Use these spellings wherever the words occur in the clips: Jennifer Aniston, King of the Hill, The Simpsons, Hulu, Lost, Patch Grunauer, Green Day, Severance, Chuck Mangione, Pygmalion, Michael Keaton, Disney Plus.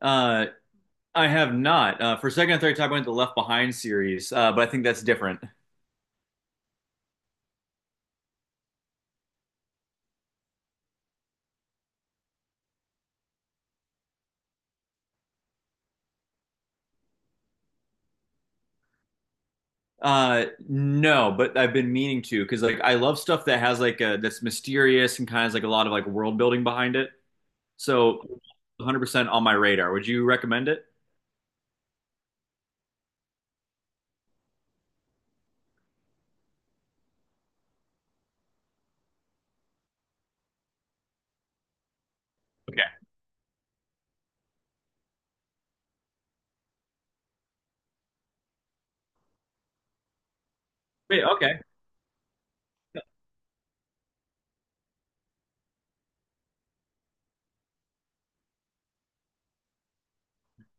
Uh, I have not. For second and third time, I went to the Left Behind series, but I think that's different. No, but I've been meaning to because like I love stuff that has like a that's mysterious and kind of has, like a lot of like world building behind it. So, 100% on my radar. Would you recommend it? Okay. Wait, okay,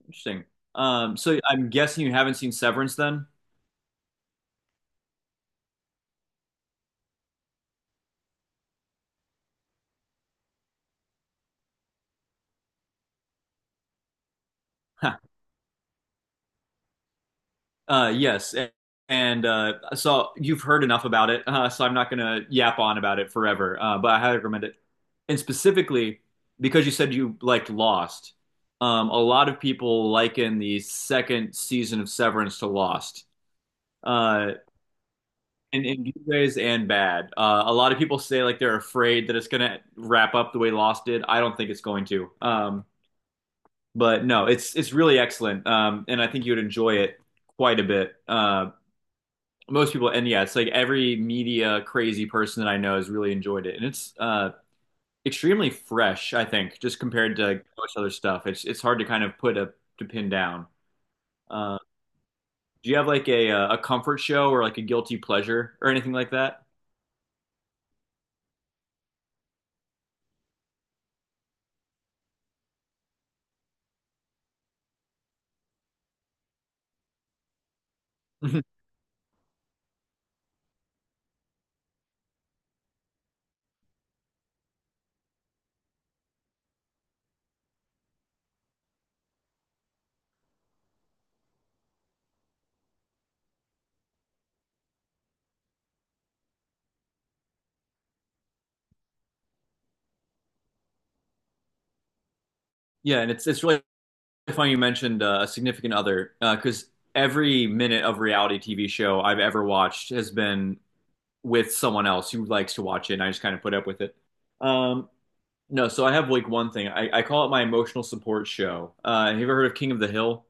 interesting. So I'm guessing you haven't seen Severance then? Yes, and so you've heard enough about it, so I'm not gonna yap on about it forever. But I highly recommend it, and specifically because you said you liked Lost. A lot of people liken the second season of Severance to Lost, uh, in good ways and bad. A lot of people say like they're afraid that it's gonna wrap up the way Lost did. I don't think it's going to. But no, it's really excellent, and I think you'd enjoy it quite a bit. Most people, and yeah, it's like every media crazy person that I know has really enjoyed it, and it's extremely fresh, I think, just compared to most other stuff. It's hard to kind of put a to pin down. uh do you have like a comfort show or like a guilty pleasure or anything like that? Yeah, and it's really funny you mentioned a significant other, because every minute of reality TV show I've ever watched has been with someone else who likes to watch it, and I just kind of put up with it. um No, so I have like one thing. I call it my emotional support show. Have you ever heard of King of the Hill?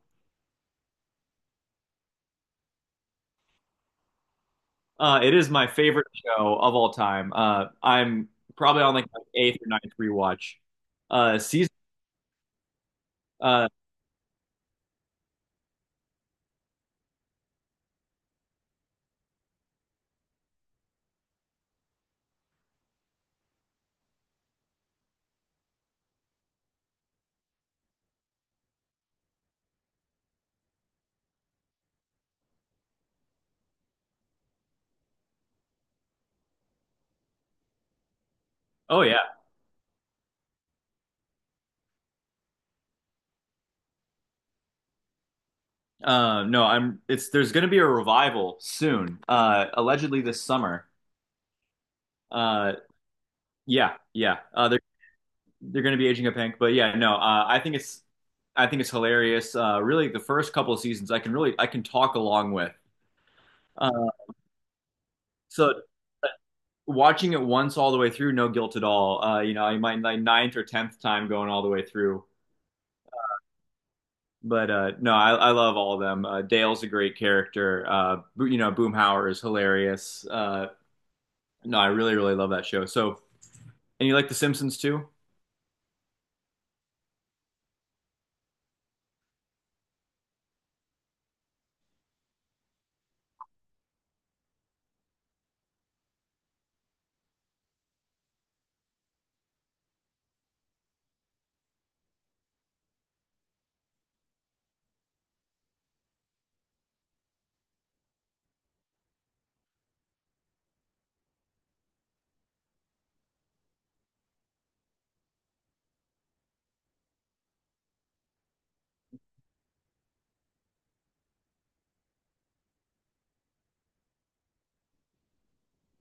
It is my favorite show of all time. I'm probably on like my eighth or ninth rewatch. Season. Uh, oh yeah. No, I'm. It's there's going to be a revival soon. Allegedly this summer. Uh, yeah, yeah. They're going to be aging a pink, but yeah, no. I think it's hilarious. Really, the first couple of seasons, I can talk along with. Uh, so. Watching it once all the way through, no guilt at all. I might like ninth or tenth time going all the way through. But no, I love all of them. Dale's a great character. Boomhauer is hilarious. No, I really, really love that show. So, and you like The Simpsons too?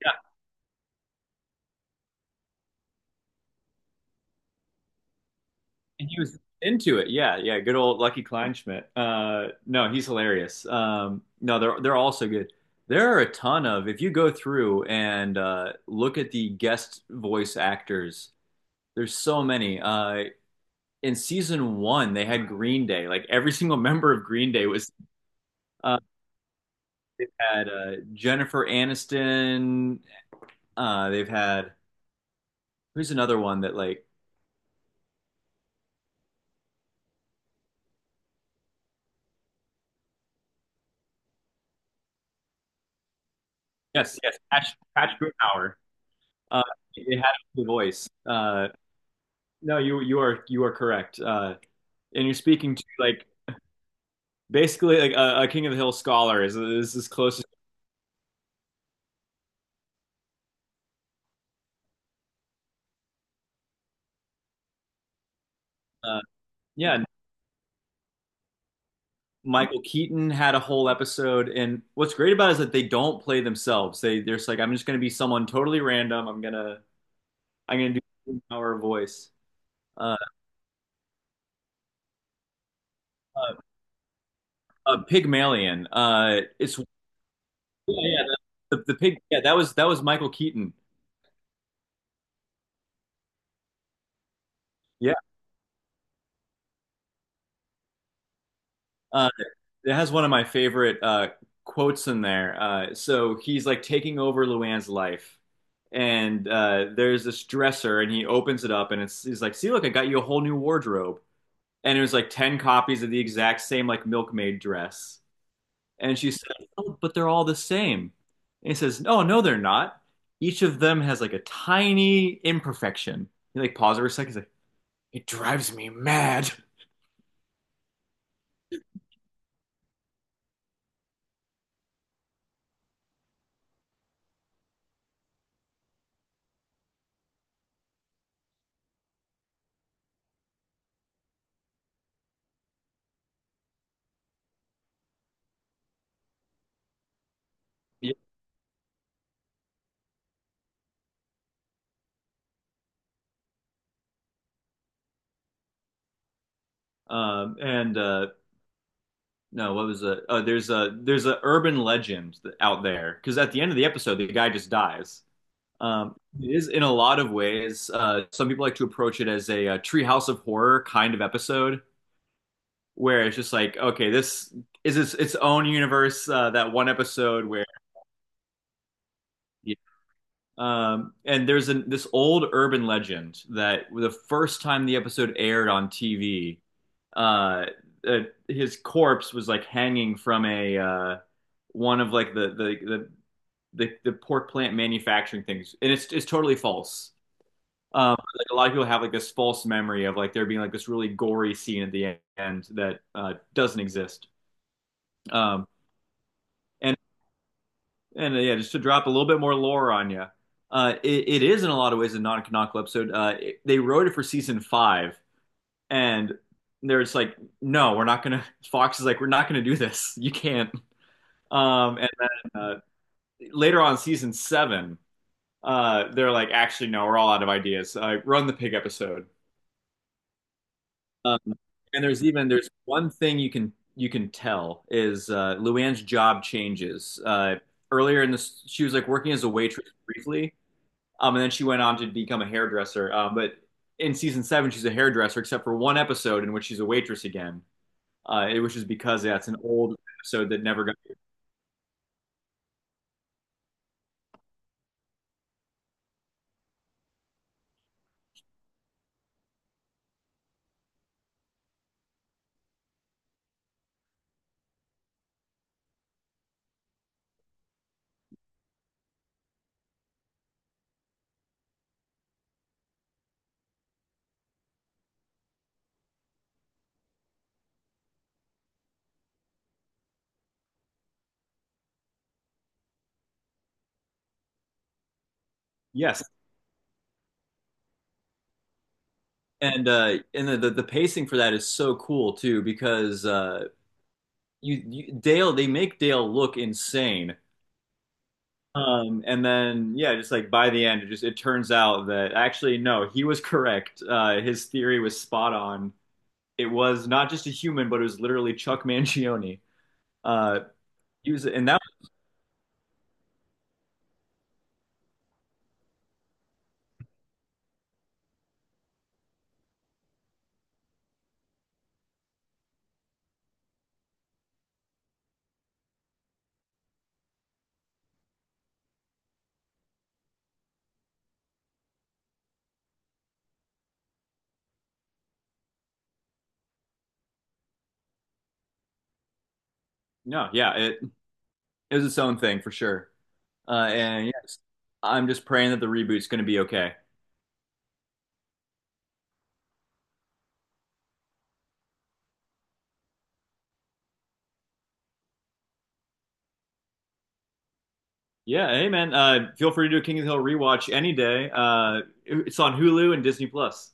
Yeah, and he was into it. Yeah, yeah. Good old Lucky Kleinschmidt. No, he's hilarious. No, they're all so good. There are a ton of if you go through and look at the guest voice actors. There's so many. In season one they had Green Day. Like every single member of Green Day was. Uh, they've had, Jennifer Aniston. They've had, who's another one that like, yes, yes, Patch Grunauer. Uh, it had the voice. No, you are correct. And you're speaking to like basically like a King of the Hill scholar is as close. Uh, yeah, Michael Keaton had a whole episode, and what's great about it is that they don't play themselves. They're just like, I'm just gonna be someone totally random. I'm gonna do our voice. Uh, uh, Pygmalion. It's yeah, yeah, the pig. Yeah, that was Michael Keaton. Yeah, uh, it has one of my favorite quotes in there. So he's like taking over Luann's life, and there's this dresser, and he opens it up, and it's he's like, "See, look, I got you a whole new wardrobe." And it was like 10 copies of the exact same like milkmaid dress. And she said, "Oh, but they're all the same." And he says, "No, no, they're not. Each of them has like a tiny imperfection." He like pauses for a second. He's like, "Yeah." And No, what was it? Oh, there's a urban legend out there because at the end of the episode, the guy just dies. It is in a lot of ways. Some people like to approach it as a treehouse of horror kind of episode where it's just like, okay, this is its own universe. That one episode where, yeah. And this old urban legend that the first time the episode aired on TV, uh, uh, his corpse was like hanging from a one of like the pork plant manufacturing things, and it's totally false. Like a lot of people have like this false memory of like there being like this really gory scene at the end that doesn't exist. Um, and and Yeah, just to drop a little bit more lore on you, it is in a lot of ways a non-canonical episode. They wrote it for season five, and they're just like, no, we're not gonna. Fox is like, we're not gonna do this. You can't. And then later on, season seven, they're like, actually, no, we're all out of ideas. Run the pig episode. Um, and there's one thing you can tell is Luann's job changes. Earlier in this, she was like working as a waitress briefly. And then she went on to become a hairdresser. But in season seven, she's a hairdresser, except for one episode in which she's a waitress again, which is because that's an old episode that never got. Yes, and the pacing for that is so cool too because you, you Dale they make Dale look insane. And then yeah, just like by the end, it turns out that actually no, he was correct. His theory was spot on. It was not just a human, but it was literally Chuck Mangione. Uh, he was, and that. No, yeah, it was its own thing for sure. And yes, I'm just praying that the reboot's going to be okay. Yeah, hey man, feel free to do a King of the Hill rewatch any day. It's on Hulu and Disney Plus.